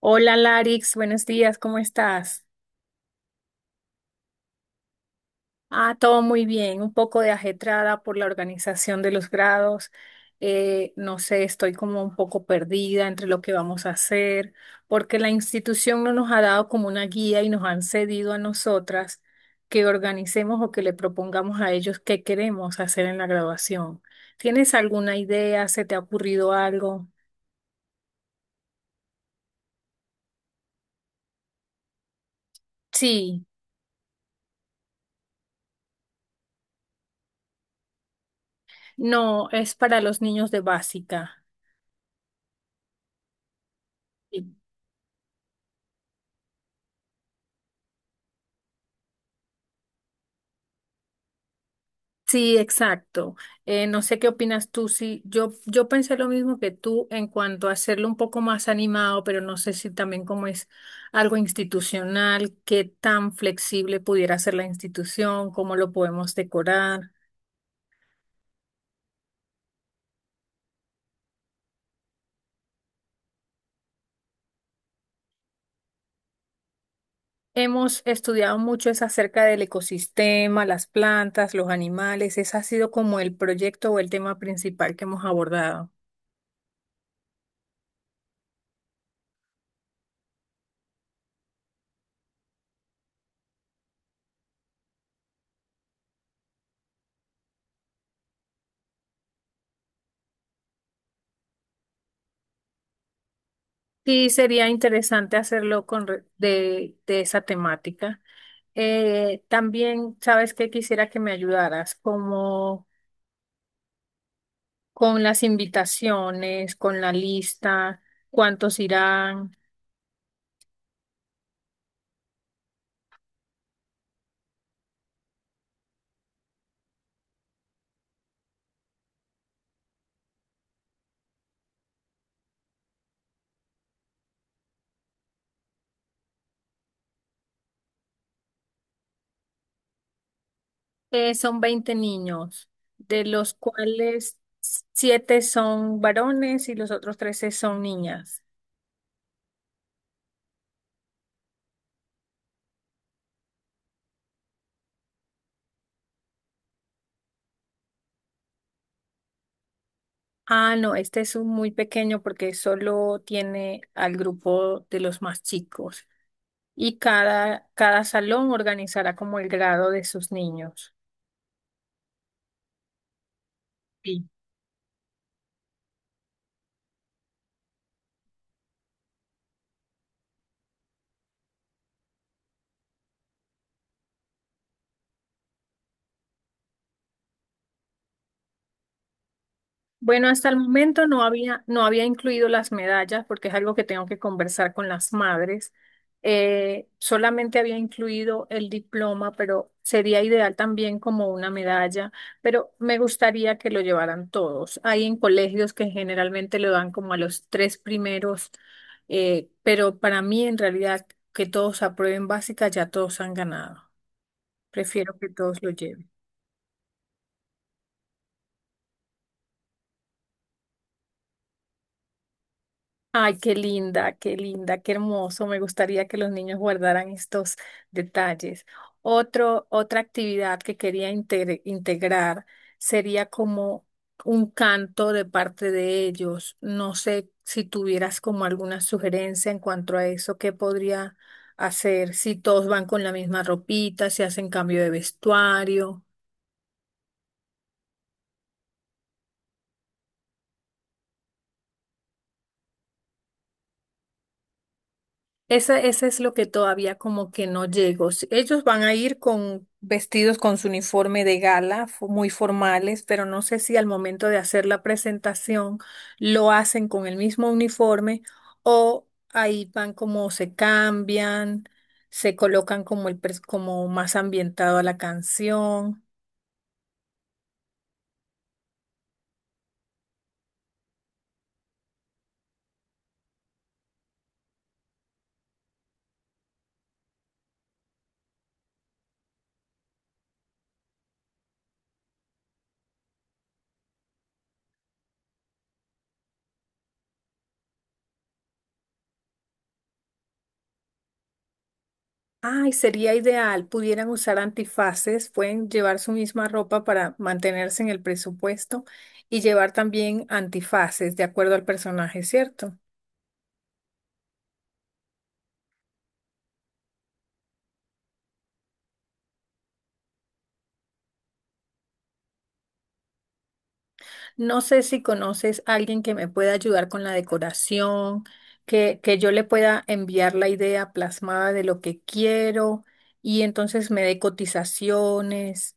Hola Larix, buenos días, ¿cómo estás? Ah, todo muy bien, un poco de ajetrada por la organización de los grados. No sé, estoy como un poco perdida entre lo que vamos a hacer, porque la institución no nos ha dado como una guía y nos han cedido a nosotras que organicemos o que le propongamos a ellos qué queremos hacer en la graduación. ¿Tienes alguna idea? ¿Se te ha ocurrido algo? Sí, no, es para los niños de básica. Sí, exacto. No sé qué opinas tú. Sí, yo pensé lo mismo que tú en cuanto a hacerlo un poco más animado, pero no sé si también como es algo institucional, qué tan flexible pudiera ser la institución, cómo lo podemos decorar. Hemos estudiado mucho es acerca del ecosistema, las plantas, los animales. Ese ha sido como el proyecto o el tema principal que hemos abordado. Sí, sería interesante hacerlo con de esa temática. También, ¿sabes qué? Quisiera que me ayudaras como con las invitaciones, con la lista, cuántos irán. Son 20 niños, de los cuales siete son varones y los otros 13 son niñas. Ah, no, este es un muy pequeño porque solo tiene al grupo de los más chicos y cada salón organizará como el grado de sus niños. Sí. Bueno, hasta el momento no había incluido las medallas porque es algo que tengo que conversar con las madres. Solamente había incluido el diploma, pero sería ideal también como una medalla, pero me gustaría que lo llevaran todos. Hay en colegios que generalmente lo dan como a los tres primeros, pero para mí en realidad que todos aprueben básica, ya todos han ganado. Prefiero que todos lo lleven. Ay, qué linda, qué linda, qué hermoso. Me gustaría que los niños guardaran estos detalles. Otra actividad que quería integrar sería como un canto de parte de ellos. No sé si tuvieras como alguna sugerencia en cuanto a eso, qué podría hacer si todos van con la misma ropita, si hacen cambio de vestuario. Ese, es lo que todavía como que no llego. Ellos van a ir con vestidos con su uniforme de gala, muy formales, pero no sé si al momento de hacer la presentación lo hacen con el mismo uniforme o ahí van como se cambian, se colocan como como más ambientado a la canción. Ay, sería ideal. Pudieran usar antifaces, pueden llevar su misma ropa para mantenerse en el presupuesto y llevar también antifaces de acuerdo al personaje, ¿cierto? No sé si conoces a alguien que me pueda ayudar con la decoración, que yo le pueda enviar la idea plasmada de lo que quiero y entonces me dé cotizaciones.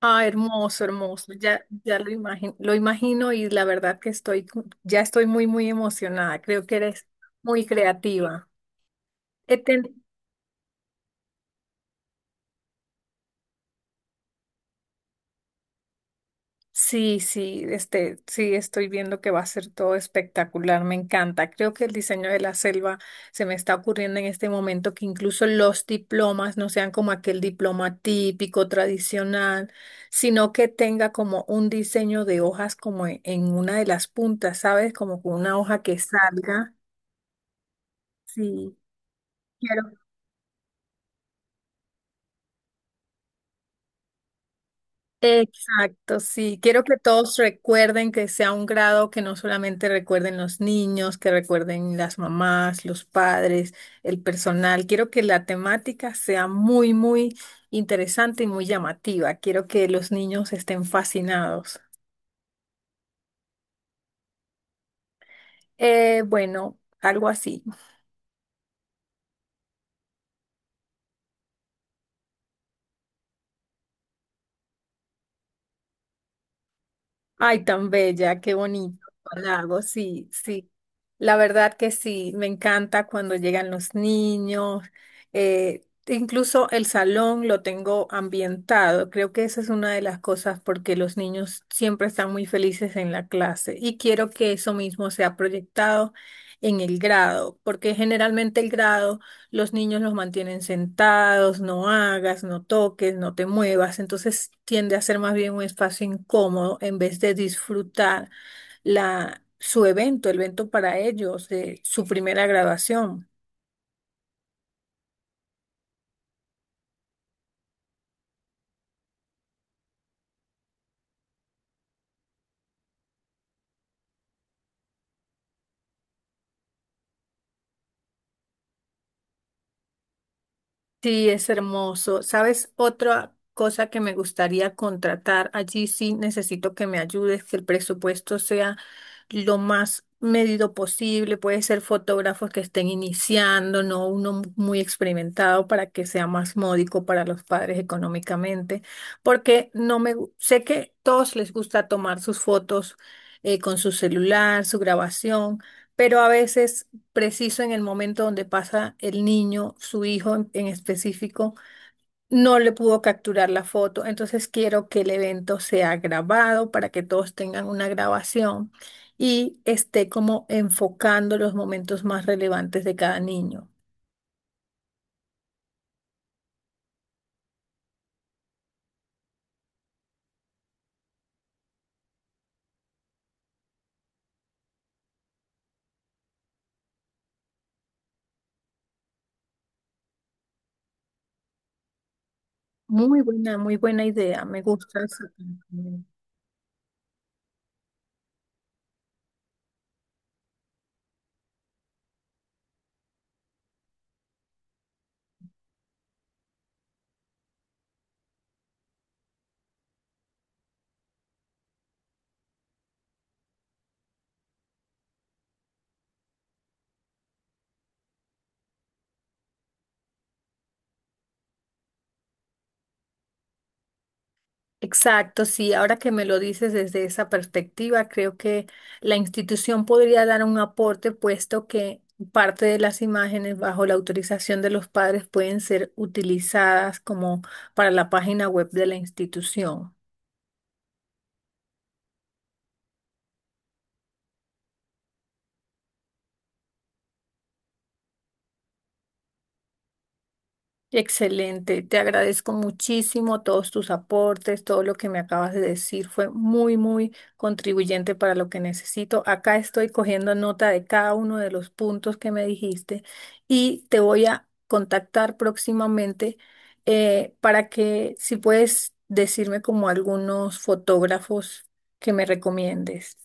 Ah, hermoso, hermoso. Ya lo imagino y la verdad que ya estoy muy emocionada. Creo que eres muy creativa. He ten- Sí, sí, este, sí, estoy viendo que va a ser todo espectacular. Me encanta. Creo que el diseño de la selva se me está ocurriendo en este momento que incluso los diplomas no sean como aquel diploma típico, tradicional, sino que tenga como un diseño de hojas como en una de las puntas, ¿sabes? Como con una hoja que salga. Sí, quiero. Exacto, sí. Quiero que todos recuerden que sea un grado que no solamente recuerden los niños, que recuerden las mamás, los padres, el personal. Quiero que la temática sea muy interesante y muy llamativa. Quiero que los niños estén fascinados. Bueno, algo así. Ay, tan bella, qué bonito lago, sí, sí. La verdad que sí, me encanta cuando llegan los niños. Incluso el salón lo tengo ambientado. Creo que esa es una de las cosas porque los niños siempre están muy felices en la clase y quiero que eso mismo sea proyectado en el grado, porque generalmente el grado... Los niños los mantienen sentados, no hagas, no toques, no te muevas. Entonces tiende a ser más bien un espacio incómodo en vez de disfrutar su evento, el evento para ellos, su primera graduación. Sí, es hermoso. ¿Sabes? Otra cosa que me gustaría contratar, allí sí necesito que me ayudes, que el presupuesto sea lo más medido posible. Puede ser fotógrafos que estén iniciando, no uno muy experimentado para que sea más módico para los padres económicamente, porque no me gu- sé que todos les gusta tomar sus fotos con su celular, su grabación, pero a veces preciso en el momento donde pasa el niño, su hijo en específico, no le pudo capturar la foto. Entonces quiero que el evento sea grabado para que todos tengan una grabación y esté como enfocando los momentos más relevantes de cada niño. Muy buena idea. Me gusta esa. Exacto, sí, ahora que me lo dices desde esa perspectiva, creo que la institución podría dar un aporte, puesto que parte de las imágenes bajo la autorización de los padres pueden ser utilizadas como para la página web de la institución. Excelente, te agradezco muchísimo todos tus aportes, todo lo que me acabas de decir fue muy contribuyente para lo que necesito. Acá estoy cogiendo nota de cada uno de los puntos que me dijiste y te voy a contactar próximamente para que si puedes decirme como algunos fotógrafos que me recomiendes.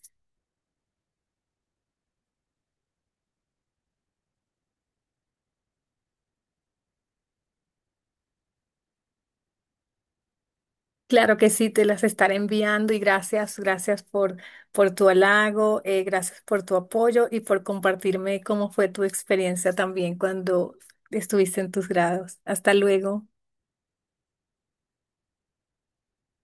Claro que sí, te las estaré enviando y gracias, gracias por tu halago, gracias por tu apoyo y por compartirme cómo fue tu experiencia también cuando estuviste en tus grados. Hasta luego.